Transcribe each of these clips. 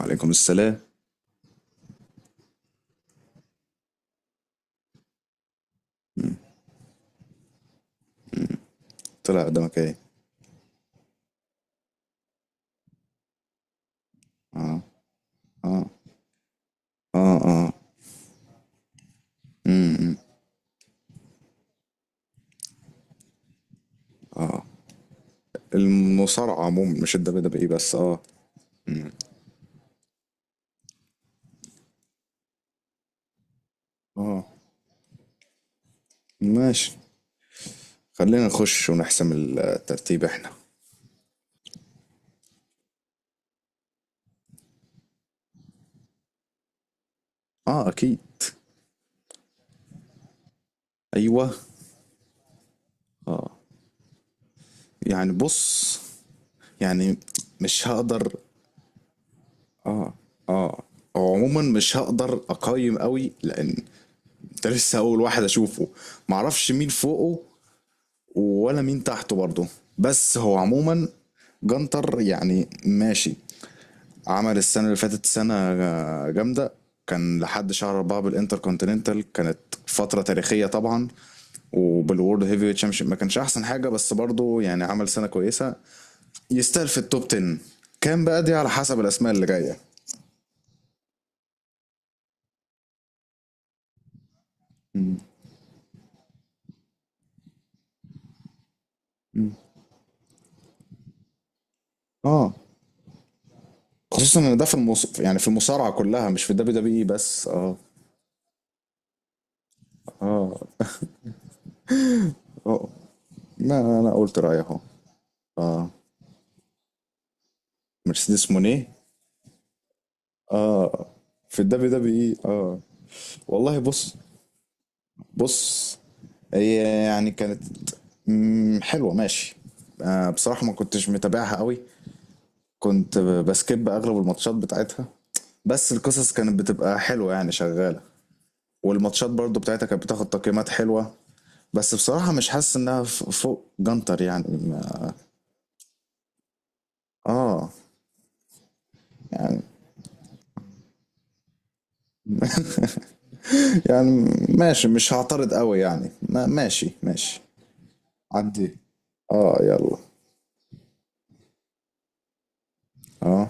وعليكم السلام. طلع قدامك ايه؟ اه. اه. اه. اه. امم. المصارعة عموما مش الدبليو دبليو اي بس. اه. اه. ماشي، خلينا نخش ونحسم الترتيب احنا. اه اكيد. ايوه. يعني بص، يعني مش هقدر. اه هو عموما مش هقدر اقيم قوي لان ده لسه اول واحد اشوفه، معرفش مين فوقه ولا مين تحته برضه. بس هو عموما جنتر يعني ماشي، عمل السنة اللي فاتت سنة جامدة. كان لحد شهر 4 بالإنتر كونتيننتال، كانت فترة تاريخية طبعا. وبالورد هيفي تشامبيونشيب ما كانش أحسن حاجة، بس برضه يعني عمل سنة كويسة، يستاهل في التوب 10. كان بقى دي على حسب الأسماء اللي جاية. اه، خصوصا ان ده في يعني في المصارعه كلها مش في الدبليو دبليو اي بس. اه. اه. اه. لا انا قلت رايي اهو. اه، مرسيدس مونيه. اه، في الدبليو دبليو اي. اه. والله بص. بص. هي يعني كانت، مم، حلوة ماشي. آه، بصراحة ما كنتش متابعها قوي، كنت بسكيب أغلب الماتشات بتاعتها، بس القصص كانت بتبقى حلوة يعني شغالة، والماتشات برضو بتاعتها كانت بتاخد تقييمات حلوة. بس بصراحة مش حاسس إنها فوق جنتر يعني آه، يعني ماشي مش هعترض قوي يعني ما ماشي ماشي. عدي. آه يلا. آه.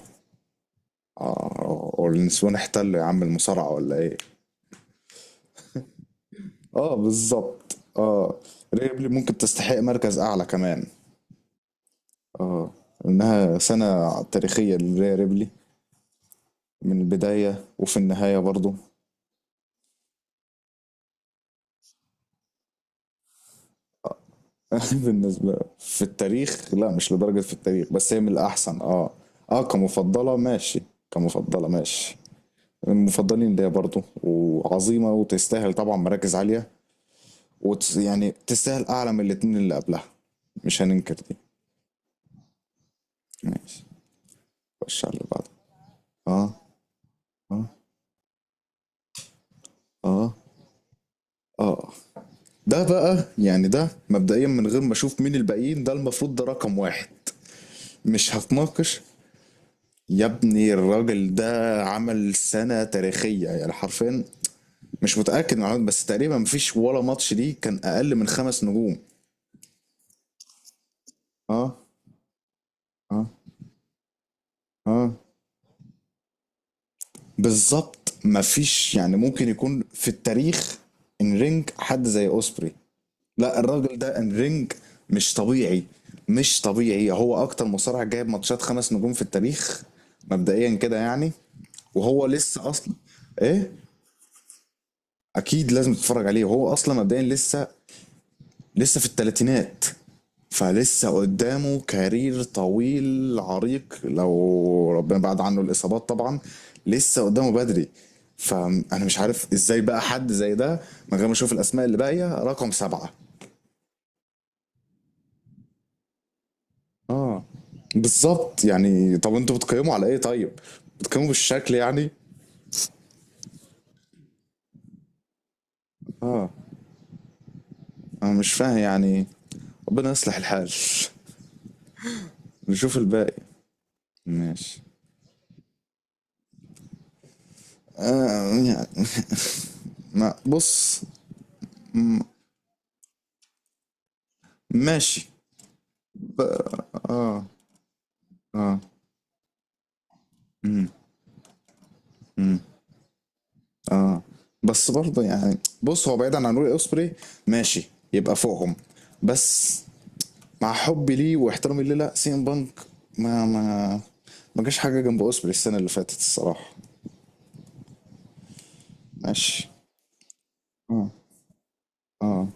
آه. النسوان احتلوا يا عم المصارعة ولا إيه؟ اه بالظبط اه. ريبلي ممكن تستحق مركز اعلى كمان. اه، انها سنة تاريخية لريا ريبلي، من البداية وفي النهاية برضو. بالنسبة في التاريخ لا، مش لدرجة في التاريخ، بس هي من الأحسن اه. اه كمفضلة ماشي. كمفضلة ماشي. من المفضلين ليا برضو وعظيمة وتستاهل طبعا مراكز عالية. يعني تستاهل أعلى من الاتنين اللي قبلها، مش هننكر دي. ماشي. خش على اللي بعده. اه. اه. اه. اه. ده بقى يعني ده مبدئيا من غير ما اشوف مين الباقيين، ده المفروض ده رقم واحد، مش هتناقش. يا ابني الراجل ده عمل سنة تاريخية يعني حرفيا. مش متأكد من المعلومات، بس تقريبا مفيش ولا ماتش ليه كان أقل من 5 نجوم. اه. اه. اه بالظبط، مفيش. يعني ممكن يكون في التاريخ ان رينج حد زي اوسبري. لا، الراجل ده الرينج مش طبيعي، مش طبيعي. هو اكتر مصارع جايب ماتشات 5 نجوم في التاريخ، مبدئيا كده يعني. وهو لسه اصلا، ايه؟ اكيد لازم تتفرج عليه، وهو اصلا مبدئيا لسه، لسه في الثلاثينات. فلسه قدامه كارير طويل عريق لو ربنا بعد عنه الاصابات طبعا. لسه قدامه بدري. فانا مش عارف ازاي بقى حد زي ده من غير ما اشوف الاسماء اللي باقيه رقم سبعة. اه بالظبط، يعني طب انتوا بتقيموا على ايه طيب؟ بتقيموا بالشكل يعني. اه انا مش فاهم يعني. ربنا يصلح الحال. نشوف الباقي. ماشي. آه يعني. ما بص. ماشي. اه. مم. مم. اه، بس برضه يعني بص هو بعيدا عن روي اوسبري ماشي يبقى فوقهم. بس، مع حبي ليه واحترامي ليه، لا، سي ام بانك ما ما ما جاش حاجه جنب اوسبري السنه اللي فاتت الصراحه. ماشي. اه. اه.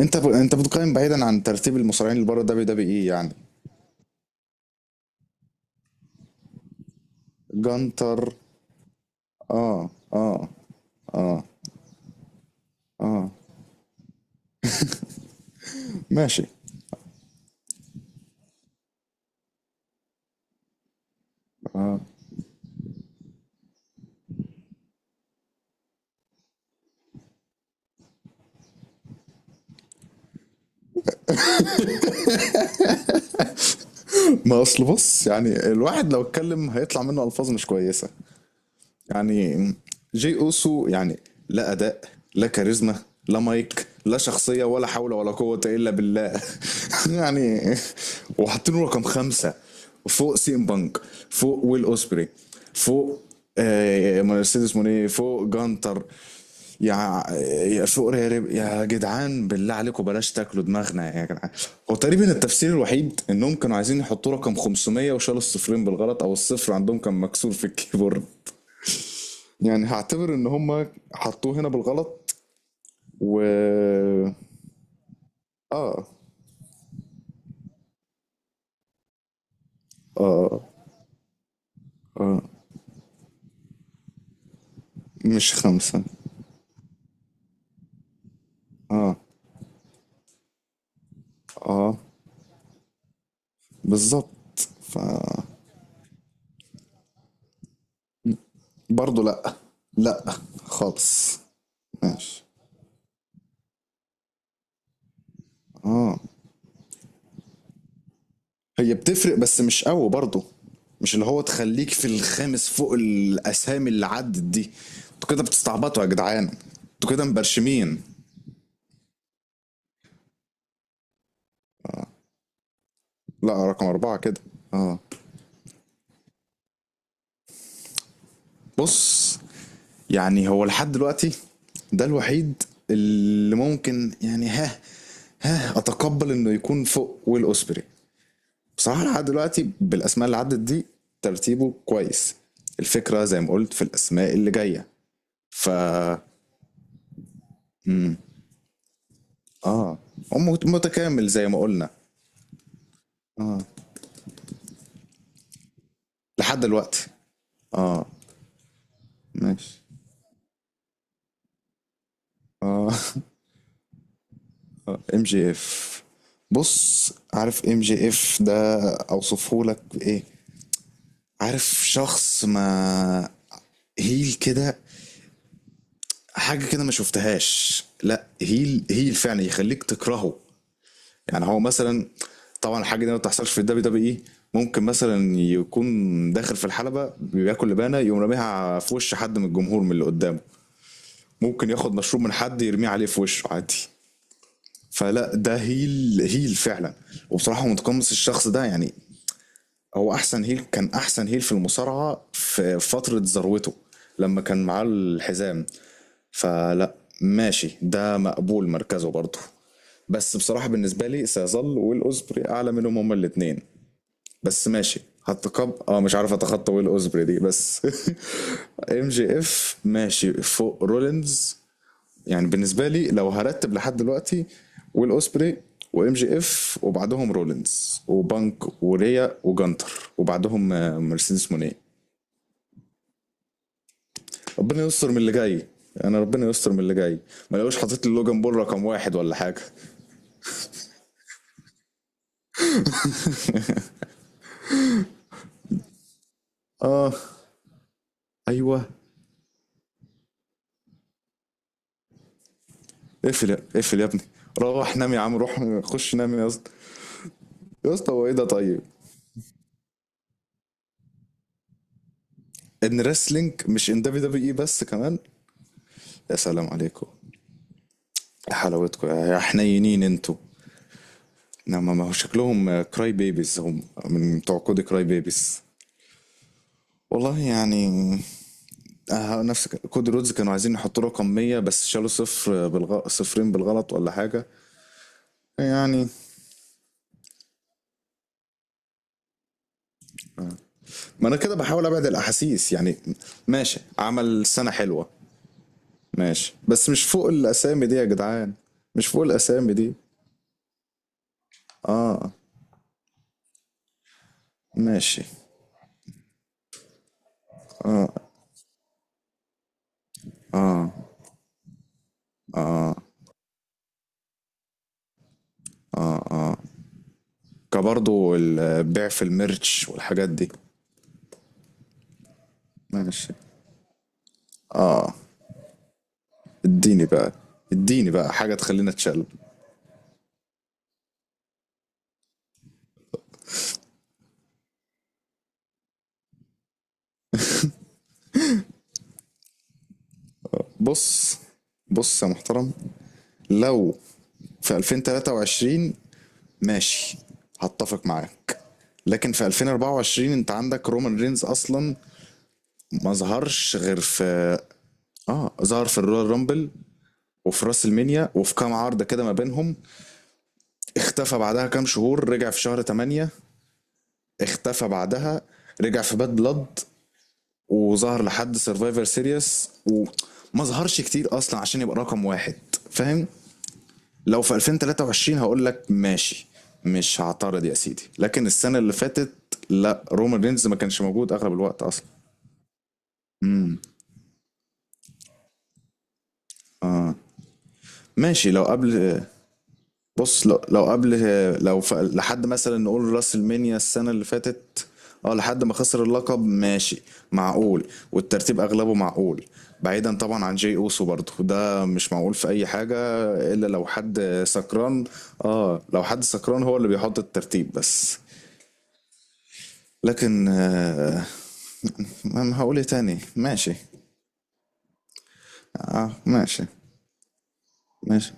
انت بتقيم بعيدا عن ترتيب المصارعين اللي بره دبليو دبليو اي يعني. جانتر. اه. اه. اه. ماشي. ما اصل بص، يعني الواحد لو اتكلم هيطلع منه الفاظ مش كويسه يعني. جي اوسو يعني، لا اداء، لا كاريزما، لا مايك، لا شخصية، ولا حول ولا قوة إلا بالله. يعني وحاطينه رقم خمسة فوق سيم بانك، فوق ويل أوسبري، فوق آه، مرسيدس موني، فوق جانتر، يا يا فوق يا جدعان بالله عليكم بلاش تاكلوا دماغنا يا جدعان. هو تقريبا التفسير الوحيد انهم كانوا عايزين يحطوا رقم 500 وشالوا الصفرين بالغلط، او الصفر عندهم كان مكسور في الكيبورد يعني. هعتبر ان هم حطوه هنا بالغلط. و، اه. اه. اه. آه، مش خمسة. اه. اه بالظبط، ف برضه لا، لا خالص ماشي. اه، هي بتفرق بس مش قوي برضه، مش اللي هو تخليك في الخامس فوق الاسامي اللي عدت دي. انتوا كده بتستعبطوا يا جدعان، انتوا كده مبرشمين. لا، رقم اربعة كده. اه. بص، يعني هو لحد دلوقتي ده الوحيد اللي ممكن يعني ها، ها اتقبل انه يكون فوق ويل اوسبري. بصراحه لحد دلوقتي بالاسماء اللي عدت دي ترتيبه كويس. الفكره زي ما قلت في الاسماء اللي جايه. ف اه، هو متكامل زي ما قلنا. لحد دلوقتي. اه. ماشي. اه. ام جي اف. بص، عارف ام جي اف ده اوصفه لك بايه؟ عارف شخص، ما هيل كده، حاجة كده ما شفتهاش. لا، هيل هيل فعلا يخليك تكرهه. يعني هو مثلا، طبعا الحاجة دي ما بتحصلش في الدبليو دبليو اي، ممكن مثلا يكون داخل في الحلبة بياكل لبانة يقوم راميها في وش حد من الجمهور من اللي قدامه. ممكن ياخد مشروب من حد يرميه عليه في وشه عادي. فلا، ده هيل هيل فعلا. وبصراحة متقمص الشخص ده يعني. هو احسن هيل، كان احسن هيل في المصارعه في فتره ذروته لما كان معاه الحزام. فلا، ماشي، ده مقبول مركزه برضه. بس بصراحه بالنسبه لي سيظل ويل اوزبري اعلى منهم هما الاثنين. بس ماشي هتقب اه مش عارف اتخطى ويل اوزبري دي بس. ام جي اف ماشي فوق رولينز، يعني بالنسبه لي لو هرتب لحد دلوقتي: ويل اوسبري وام جي اف وبعدهم رولينز وبانك وريا وجانتر وبعدهم آه، مرسيدس مونيه. ربنا يستر من اللي جاي. انا ربنا يستر من اللي جاي. ما لقوش حاطط لي لوجان بول رقم واحد ولا حاجه. اه. ايوه. اقفل يا ابني. روح نام يا عم، روح خش نام يا اسطى. يا اسطى هو ايه ده طيب؟ ان ريسلينج مش ان دبليو دبليو اي بس كمان. يا سلام عليكم، يا حلاوتكم يا حنينين انتوا. نعم ما هو شكلهم كراي بيبيز، هم من بتوع كود كراي بيبيز. والله يعني آه، نفس كود رودز كانوا عايزين يحطوا رقم 100 بس شالوا صفر صفرين بالغلط ولا حاجة يعني. ما انا كده بحاول ابعد الاحاسيس يعني. ماشي عمل سنة حلوة. ماشي بس مش فوق الاسامي دي يا جدعان. مش فوق الاسامي دي. اه. ماشي. اه. اه. اه. اه، كبرضو البيع في الميرتش والحاجات دي. ماشي. اه. اديني بقى. اديني بقى حاجة تخلينا اتشل. بص، بص يا محترم، لو في 2023 ماشي هتفق معاك، لكن في 2024 انت عندك رومان رينز اصلا، ما ظهرش غير في، اه، ظهر في الرويال رامبل وفي راس المنيا وفي كام عرضة كده ما بينهم، اختفى بعدها كام شهور، رجع في شهر 8، اختفى بعدها، رجع في باد بلاد، وظهر لحد سرفايفر سيريس، وما ظهرش كتير اصلا عشان يبقى رقم واحد، فاهم؟ لو في 2023 هقول لك ماشي، مش هعترض يا سيدي، لكن السنه اللي فاتت لا، رومان رينز ما كانش موجود اغلب الوقت اصلا. ماشي لو قبل. بص، لو لو قبل لو لحد مثلا نقول راس المنيا السنة اللي فاتت. اه، لحد ما خسر اللقب ماشي. معقول، والترتيب اغلبه معقول، بعيدا طبعا عن جي اوسو، برضه ده مش معقول في اي حاجة. الا لو حد سكران، اه، لو حد سكران هو اللي بيحط الترتيب بس. لكن آه، ما ما هقول ايه تاني. ماشي. اه ماشي. ماشي.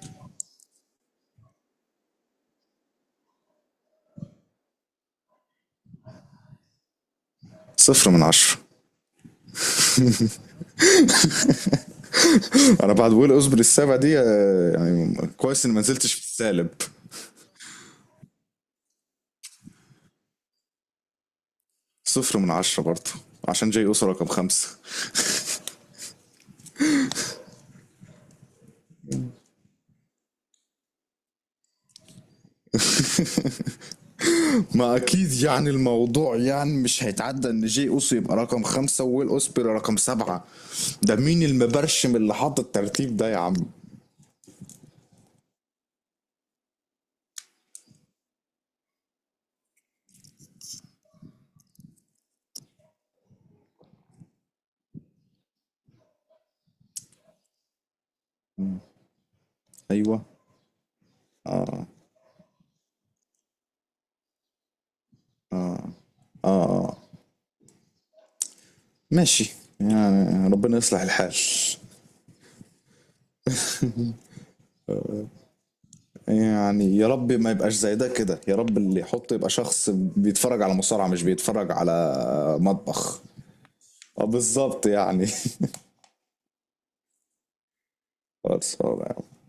صفر من عشرة. انا بعد ويل اوزبري السابع دي آه، يعني كويس اني ما نزلتش في السالب. صفر من عشرة برضه، عشان جاي اوسو رقم خمسة. ما اكيد يعني، الموضوع يعني مش هيتعدى ان جاي اوسو يبقى رقم خمسة وويل اوسبري رقم سبعة. ده مين المبرشم اللي حط الترتيب ده يا عم؟ ايوه. اه. اه. اه. آه. ماشي، يعني ربنا يصلح الحال. يعني يا رب ما يبقاش زي ده كده، يا رب اللي يحطه يبقى شخص بيتفرج على مصارعة مش بيتفرج على مطبخ. اه بالظبط يعني. خلصانة يا عم.